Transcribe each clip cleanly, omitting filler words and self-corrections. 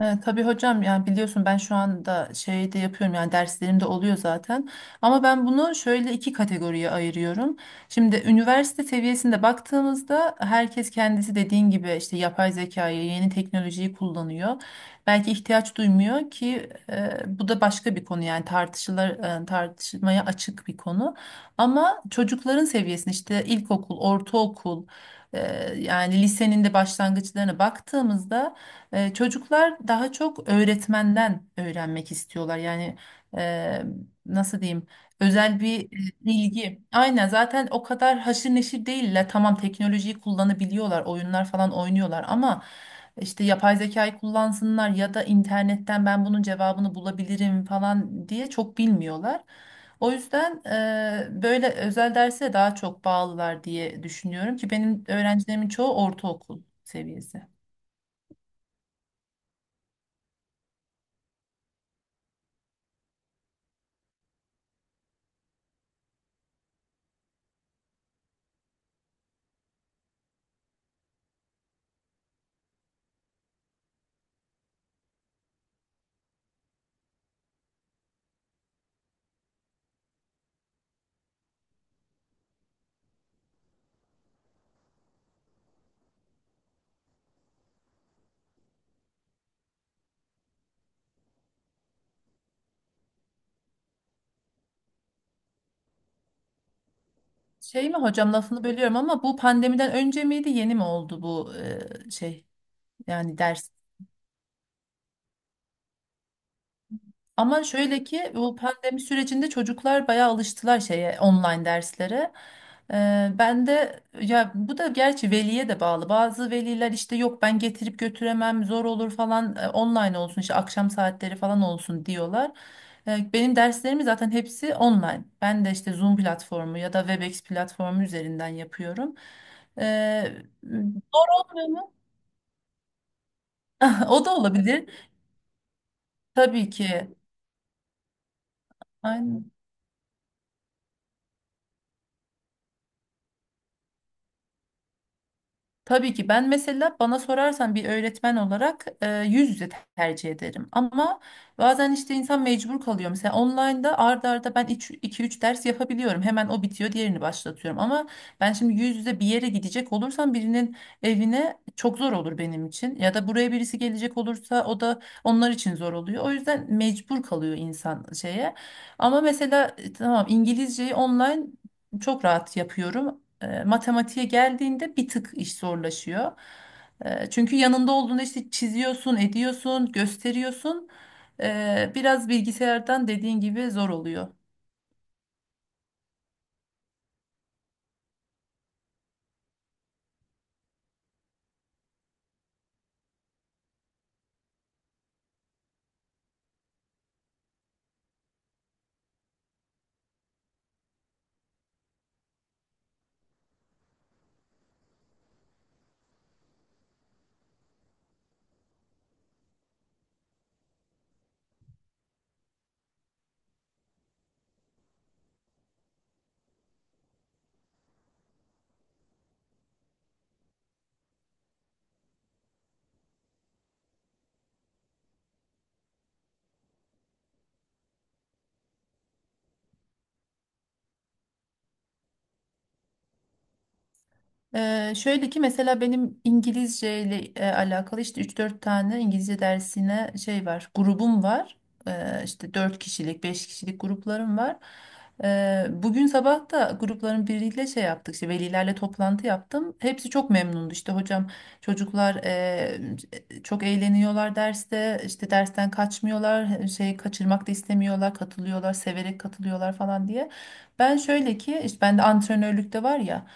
Tabii hocam yani biliyorsun ben şu anda şey de yapıyorum yani derslerimde oluyor zaten. Ama ben bunu şöyle iki kategoriye ayırıyorum. Şimdi üniversite seviyesinde baktığımızda herkes kendisi dediğin gibi işte yapay zekayı, yeni teknolojiyi kullanıyor. Belki ihtiyaç duymuyor ki bu da başka bir konu, yani tartışılır, tartışmaya açık bir konu. Ama çocukların seviyesinde işte ilkokul, ortaokul, e, yani lisenin de başlangıçlarına baktığımızda çocuklar daha çok öğretmenden öğrenmek istiyorlar. Yani e, nasıl diyeyim? Özel bir bilgi. Aynen, zaten o kadar haşır neşir değiller. Tamam, teknolojiyi kullanabiliyorlar, oyunlar falan oynuyorlar ama işte yapay zekayı kullansınlar ya da internetten ben bunun cevabını bulabilirim falan diye çok bilmiyorlar. O yüzden böyle özel derse daha çok bağlılar diye düşünüyorum ki benim öğrencilerimin çoğu ortaokul seviyesi. Şey mi hocam, lafını bölüyorum ama bu pandemiden önce miydi, yeni mi oldu bu şey, yani ders? Ama şöyle ki bu pandemi sürecinde çocuklar bayağı alıştılar şeye, online derslere. Ben de, ya bu da gerçi veliye de bağlı. Bazı veliler işte yok ben getirip götüremem zor olur falan, online olsun işte akşam saatleri falan olsun diyorlar. Benim derslerim zaten hepsi online. Ben de işte Zoom platformu ya da Webex platformu üzerinden yapıyorum. Ee, zor olmuyor mu? O da olabilir. Tabii ki. Aynen. Tabii ki ben mesela bana sorarsan bir öğretmen olarak yüz yüze tercih ederim. Ama bazen işte insan mecbur kalıyor. Mesela online'da arda arda ben iki üç ders yapabiliyorum. Hemen o bitiyor, diğerini başlatıyorum. Ama ben şimdi yüz yüze bir yere gidecek olursam birinin evine, çok zor olur benim için. Ya da buraya birisi gelecek olursa o da onlar için zor oluyor. O yüzden mecbur kalıyor insan şeye. Ama mesela tamam İngilizceyi online çok rahat yapıyorum. Matematiğe geldiğinde bir tık iş zorlaşıyor. Çünkü yanında olduğunda işte çiziyorsun, ediyorsun, gösteriyorsun. Biraz bilgisayardan dediğin gibi zor oluyor. Şöyle ki mesela benim İngilizce ile alakalı işte üç dört tane İngilizce dersine şey var, grubum var. İşte 4 kişilik 5 kişilik gruplarım var. Bugün sabah da grupların biriyle şey yaptık, işte velilerle toplantı yaptım, hepsi çok memnundu. İşte hocam çocuklar çok eğleniyorlar derste, işte dersten kaçmıyorlar, şey kaçırmak da istemiyorlar, katılıyorlar, severek katılıyorlar falan diye. Ben şöyle ki işte bende antrenörlük de var ya,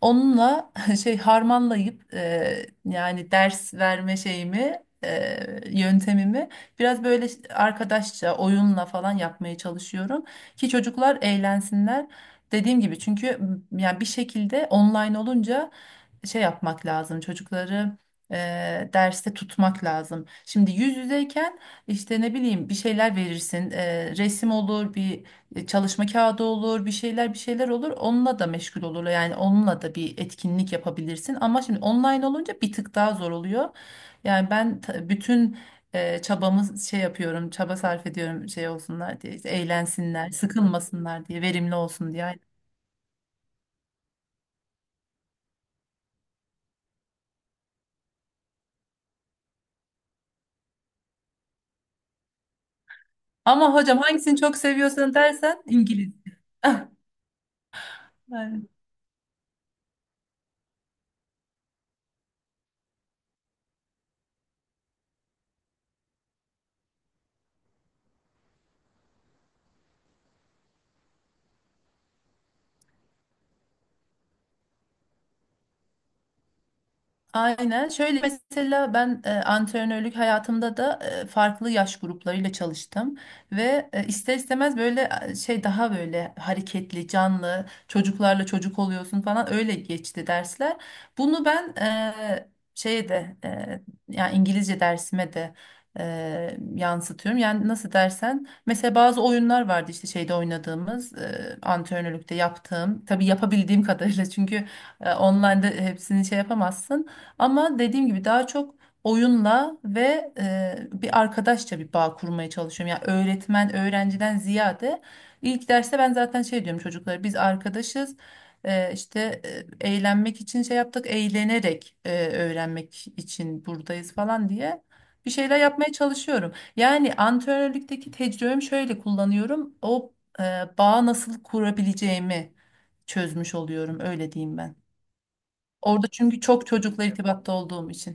onunla şey harmanlayıp yani ders verme şeyimi yöntemimi biraz böyle arkadaşça, oyunla falan yapmaya çalışıyorum ki çocuklar eğlensinler. Dediğim gibi çünkü yani bir şekilde online olunca şey yapmak lazım, çocukları e, derste tutmak lazım. Şimdi yüz yüzeyken işte ne bileyim bir şeyler verirsin. Resim olur, bir çalışma kağıdı olur, bir şeyler bir şeyler olur, onunla da meşgul olurlar. Yani onunla da bir etkinlik yapabilirsin ama şimdi online olunca bir tık daha zor oluyor. Bütün çabamız şey yapıyorum, çaba sarf ediyorum şey olsunlar diye, işte eğlensinler, sıkılmasınlar diye, verimli olsun diye. Ama hocam hangisini çok seviyorsun dersen, İngiliz. Bay bay. Aynen. Şöyle mesela ben antrenörlük hayatımda da farklı yaş gruplarıyla çalıştım ve ister istemez böyle şey daha böyle hareketli, canlı, çocuklarla çocuk oluyorsun falan, öyle geçti dersler. Bunu ben şeye de yani İngilizce dersime de yansıtıyorum. Yani nasıl dersen, mesela bazı oyunlar vardı işte şeyde oynadığımız, antrenörlükte yaptığım, tabii yapabildiğim kadarıyla, çünkü online'da hepsini şey yapamazsın. Ama dediğim gibi daha çok oyunla ve bir arkadaşça bir bağ kurmaya çalışıyorum. Yani öğretmen öğrenciden ziyade, ilk derste ben zaten şey diyorum çocuklara, biz arkadaşız. İşte eğlenmek için şey yaptık, eğlenerek öğrenmek için buradayız falan diye bir şeyler yapmaya çalışıyorum. Yani antrenörlükteki tecrübemi şöyle kullanıyorum. O e, bağı nasıl kurabileceğimi çözmüş oluyorum, öyle diyeyim ben. Orada çünkü çok çocukla irtibatta olduğum için.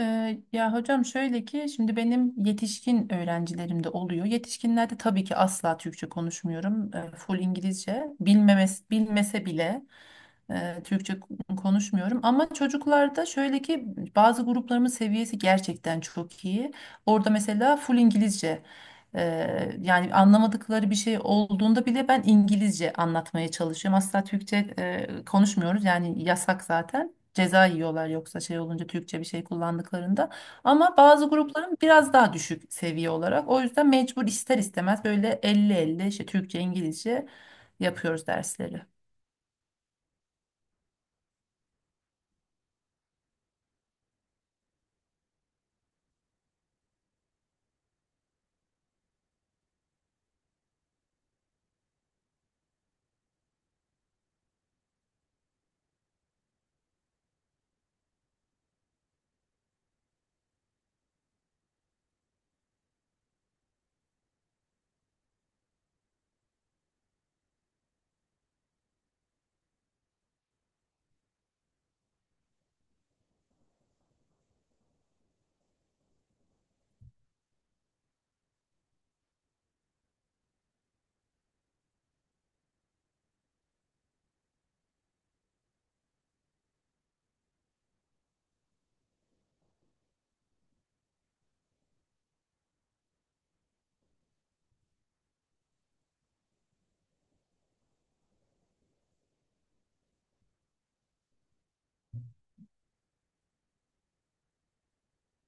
Ya hocam şöyle ki şimdi benim yetişkin öğrencilerim de oluyor. Yetişkinlerde tabii ki asla Türkçe konuşmuyorum. Full İngilizce. Bilmemes, bilmese bile Türkçe konuşmuyorum. Ama çocuklarda şöyle ki bazı gruplarımın seviyesi gerçekten çok iyi. Orada mesela full İngilizce. Yani anlamadıkları bir şey olduğunda bile ben İngilizce anlatmaya çalışıyorum. Asla Türkçe konuşmuyoruz, yani yasak zaten. Ceza yiyorlar yoksa, şey olunca, Türkçe bir şey kullandıklarında. Ama bazı grupların biraz daha düşük seviye olarak. O yüzden mecbur ister istemez böyle elli elli işte Türkçe, İngilizce yapıyoruz dersleri.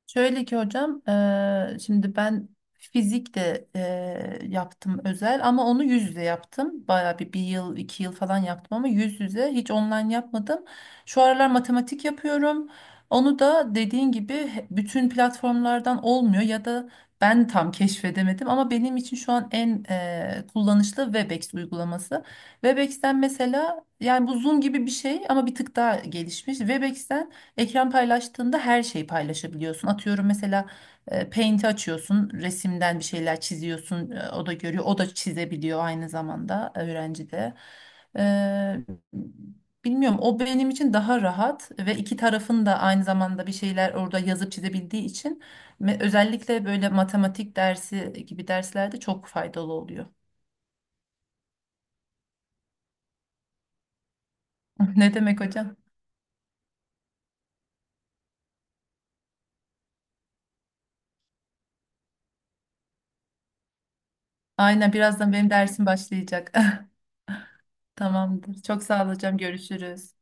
Şöyle ki hocam, şimdi ben fizik de yaptım özel, ama onu yüz yüze yaptım. Bayağı bir yıl, iki yıl falan yaptım ama yüz yüze, hiç online yapmadım. Şu aralar matematik yapıyorum. Onu da dediğin gibi bütün platformlardan olmuyor ya da ben tam keşfedemedim, ama benim için şu an en kullanışlı Webex uygulaması. Webex'ten mesela, yani bu Zoom gibi bir şey ama bir tık daha gelişmiş. Webex'ten ekran paylaştığında her şeyi paylaşabiliyorsun. Atıyorum mesela Paint'i açıyorsun, resimden bir şeyler çiziyorsun, o da görüyor, o da çizebiliyor aynı zamanda, öğrenci de. E, bilmiyorum, o benim için daha rahat ve iki tarafın da aynı zamanda bir şeyler orada yazıp çizebildiği için özellikle böyle matematik dersi gibi derslerde çok faydalı oluyor. Ne demek hocam? Aynen, birazdan benim dersim başlayacak. Tamamdır. Çok sağ ol hocam. Görüşürüz.